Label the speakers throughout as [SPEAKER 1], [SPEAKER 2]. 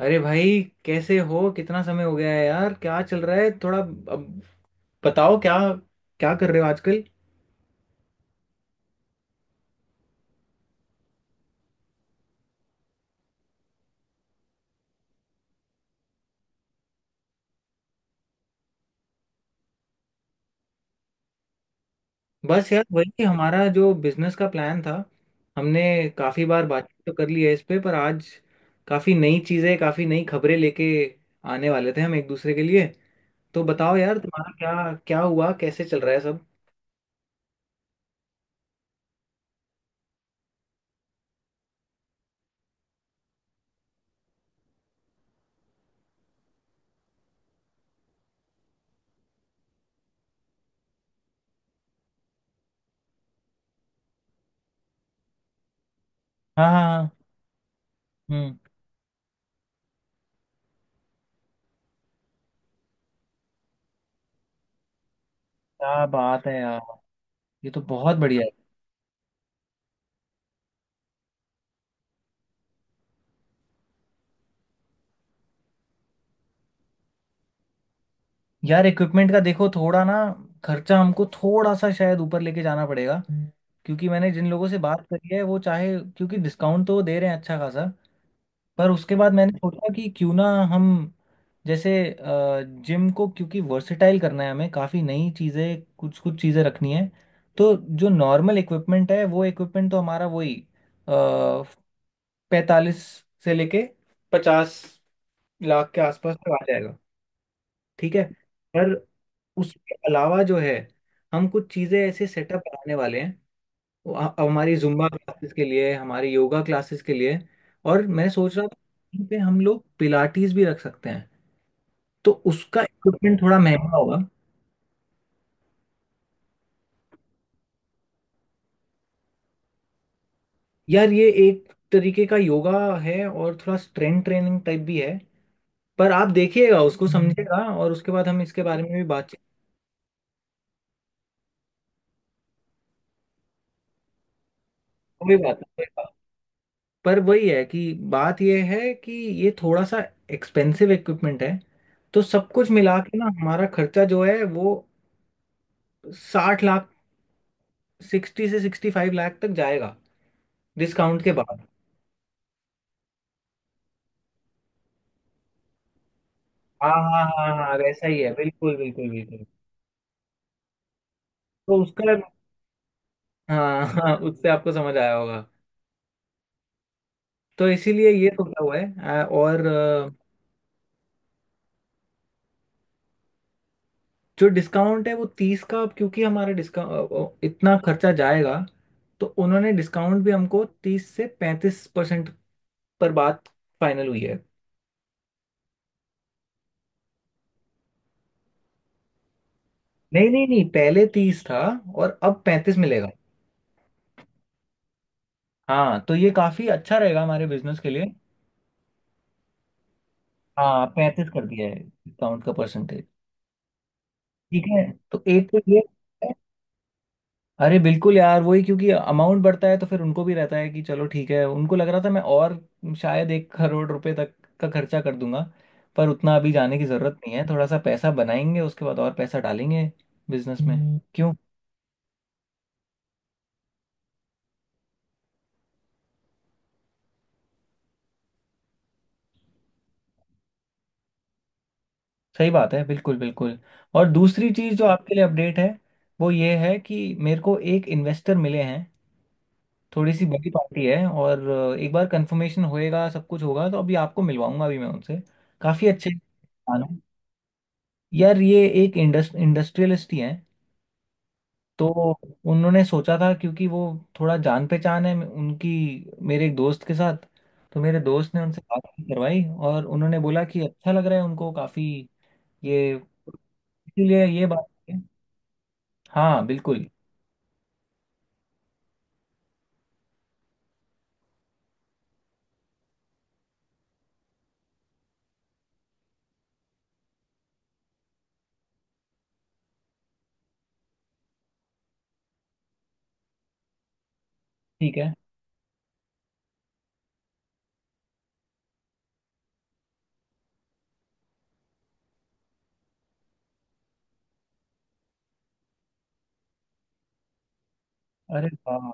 [SPEAKER 1] अरे भाई, कैसे हो? कितना समय हो गया है यार। क्या चल रहा है? थोड़ा अब बताओ, क्या क्या कर रहे हो आजकल? बस यार वही हमारा जो बिजनेस का प्लान था, हमने काफी बार बातचीत तो कर ली है इस पे, पर आज काफी नई चीजें, काफी नई खबरें लेके आने वाले थे हम एक दूसरे के लिए। तो बताओ यार, तुम्हारा क्या क्या हुआ, कैसे चल रहा है सब? हाँ हाँ हाँ, हम्म। क्या बात है यार, ये तो बहुत बढ़िया है। यार इक्विपमेंट का देखो, थोड़ा ना खर्चा हमको थोड़ा सा शायद ऊपर लेके जाना पड़ेगा क्योंकि मैंने जिन लोगों से बात करी है वो चाहे, क्योंकि डिस्काउंट तो वो दे रहे हैं अच्छा खासा, पर उसके बाद मैंने सोचा कि क्यों ना हम, जैसे जिम को क्योंकि वर्सेटाइल करना है हमें, काफ़ी नई चीज़ें, कुछ कुछ चीज़ें रखनी है। तो जो नॉर्मल इक्विपमेंट है वो इक्विपमेंट तो हमारा वही 45 से लेके 50 लाख के आसपास तक आ जाएगा। ठीक है, पर उसके अलावा जो है, हम कुछ चीज़ें ऐसे सेटअप बनाने वाले हैं वो हमारी जुम्बा क्लासेस के लिए, हमारी योगा क्लासेस के लिए। और मैं सोच रहा था कहीं पे हम लोग पिलाटीज भी रख सकते हैं, तो उसका इक्विपमेंट थोड़ा महंगा होगा। यार ये एक तरीके का योगा है और थोड़ा स्ट्रेंथ ट्रेनिंग टाइप भी है। पर आप देखिएगा, उसको समझिएगा, और उसके बाद हम इसके बारे में भी बातचीत। कोई बात नहीं, पर वही है कि बात यह है कि ये थोड़ा सा एक्सपेंसिव इक्विपमेंट है। तो सब कुछ मिला के ना हमारा खर्चा जो है वो 60 लाख, 60 से 65 लाख तक जाएगा डिस्काउंट के बाद। हाँ हाँ हाँ हाँ हाँ, वैसा ही है, बिल्कुल बिल्कुल बिल्कुल। तो उसका, हाँ हाँ, उससे आपको समझ आया होगा। तो इसीलिए ये सोचा हुआ है। जो डिस्काउंट है वो 30 का, अब क्योंकि हमारा डिस्काउंट इतना खर्चा जाएगा तो उन्होंने डिस्काउंट भी हमको 30 से 35% पर बात फाइनल हुई है। नहीं नहीं नहीं, पहले 30 था और अब 35 मिलेगा। हाँ, तो ये काफी अच्छा रहेगा हमारे बिजनेस के लिए। हाँ, 35 कर दिया है डिस्काउंट का परसेंटेज। ठीक है, तो एक तो ये। अरे बिल्कुल यार, वही, क्योंकि अमाउंट बढ़ता है तो फिर उनको भी रहता है कि चलो ठीक है। उनको लग रहा था मैं, और शायद 1 करोड़ रुपए तक का खर्चा कर दूंगा, पर उतना अभी जाने की जरूरत नहीं है। थोड़ा सा पैसा बनाएंगे, उसके बाद और पैसा डालेंगे बिजनेस में क्यों, सही बात है, बिल्कुल बिल्कुल। और दूसरी चीज़ जो आपके लिए अपडेट है वो ये है कि मेरे को एक इन्वेस्टर मिले हैं, थोड़ी सी बड़ी पार्टी है, और एक बार कंफर्मेशन होएगा, सब कुछ होगा, तो अभी आपको मिलवाऊंगा भी मैं उनसे। काफ़ी अच्छे इंसान हैं। यार ये एक इंडस्ट्रियलिस्ट ही हैं। तो उन्होंने सोचा था, क्योंकि वो, थोड़ा जान पहचान है उनकी मेरे एक दोस्त के साथ, तो मेरे दोस्त ने उनसे बात करवाई और उन्होंने बोला कि अच्छा लग रहा है उनको काफ़ी ये, इसीलिए ये बात है। हाँ बिल्कुल। ठीक है। अरे वाह!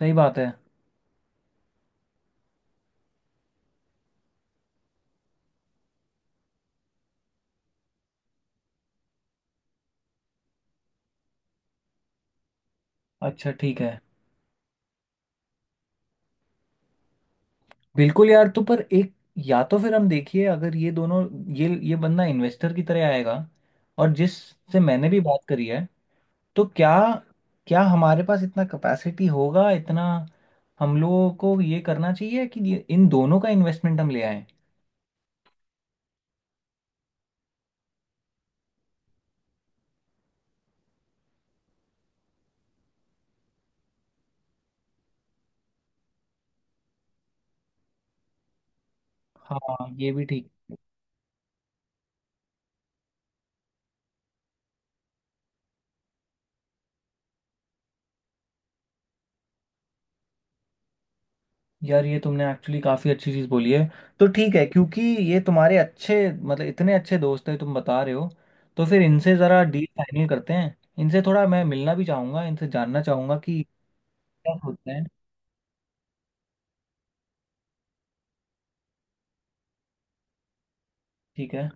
[SPEAKER 1] सही बात है। अच्छा ठीक है। बिल्कुल यार, तो पर एक, या तो फिर हम देखिए, अगर ये दोनों, ये बंदा इन्वेस्टर की तरह आएगा और जिससे मैंने भी बात करी है, तो क्या क्या हमारे पास इतना कैपेसिटी होगा इतना? हम लोगों को ये करना चाहिए कि इन दोनों का इन्वेस्टमेंट हम ले आए। हाँ ये भी ठीक। यार ये तुमने एक्चुअली काफ़ी अच्छी चीज़ बोली है। तो ठीक है, क्योंकि ये तुम्हारे अच्छे, मतलब इतने अच्छे दोस्त हैं तुम बता रहे हो, तो फिर इनसे ज़रा डील फाइनल करते हैं, इनसे थोड़ा मैं मिलना भी चाहूँगा, इनसे जानना चाहूँगा कि क्या सोचते हैं। ठीक है,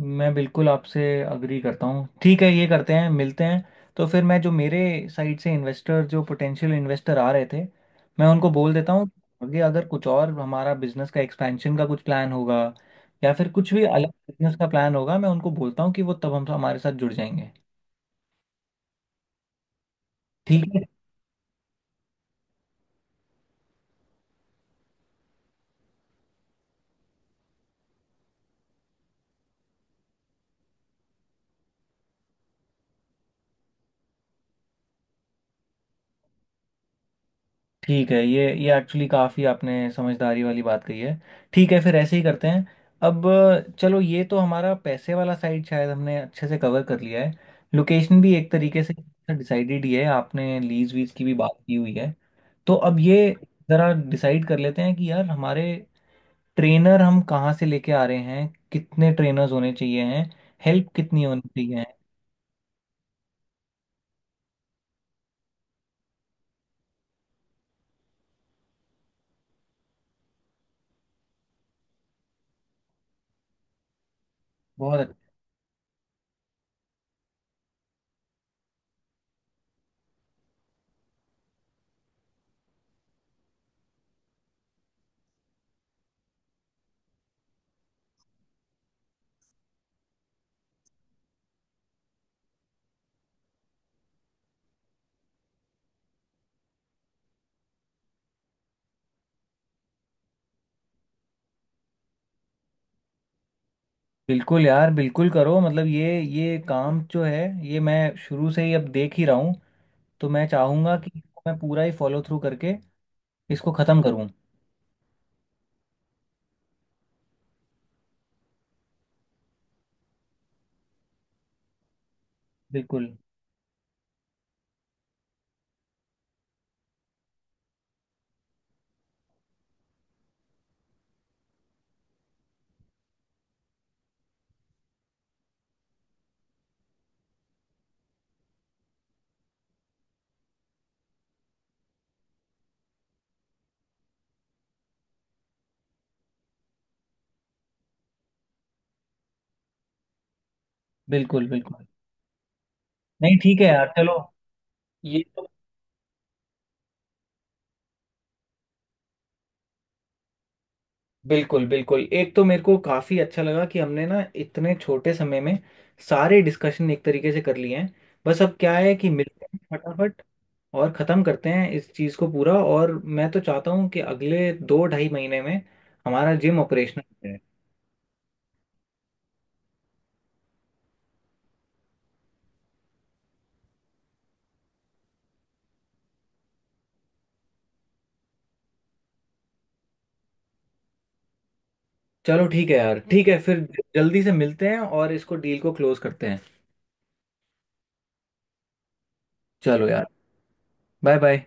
[SPEAKER 1] मैं बिल्कुल आपसे अग्री करता हूँ। ठीक है, ये करते हैं, मिलते हैं। तो फिर मैं जो मेरे साइड से इन्वेस्टर, जो पोटेंशियल इन्वेस्टर आ रहे थे, मैं उनको बोल देता हूँ। आगे अगर कुछ और हमारा बिजनेस का एक्सपेंशन का कुछ प्लान होगा या फिर कुछ भी अलग बिजनेस का प्लान होगा, मैं उनको बोलता हूँ कि वो तब हम हमारे साथ जुड़ जाएंगे। ठीक है। ठीक है, ये एक्चुअली काफ़ी आपने समझदारी वाली बात कही है। ठीक है, फिर ऐसे ही करते हैं। अब चलो, ये तो हमारा पैसे वाला साइड शायद हमने अच्छे से कवर कर लिया है। लोकेशन भी एक तरीके से डिसाइडेड ही है, आपने लीज वीज की भी बात की हुई है। तो अब ये ज़रा डिसाइड कर लेते हैं कि यार हमारे ट्रेनर हम कहाँ से लेके आ रहे हैं, कितने ट्रेनर्स होने चाहिए हैं, हेल्प कितनी होनी चाहिए है। बहुत अच्छा। बिल्कुल यार, बिल्कुल करो, मतलब ये काम जो है ये मैं शुरू से ही अब देख ही रहा हूँ, तो मैं चाहूंगा कि इसको मैं पूरा ही फॉलो थ्रू करके इसको खत्म करूं। बिल्कुल बिल्कुल बिल्कुल। नहीं ठीक है यार, चलो। ये तो बिल्कुल बिल्कुल, एक तो मेरे को काफी अच्छा लगा कि हमने ना इतने छोटे समय में सारे डिस्कशन एक तरीके से कर लिए हैं। बस अब क्या है कि मिलते हैं फटाफट और खत्म करते हैं इस चीज को पूरा। और मैं तो चाहता हूँ कि अगले दो ढाई महीने में हमारा जिम ऑपरेशनल है। चलो ठीक है यार, ठीक है फिर जल्दी से मिलते हैं और इसको, डील को क्लोज करते हैं। चलो यार, बाय बाय।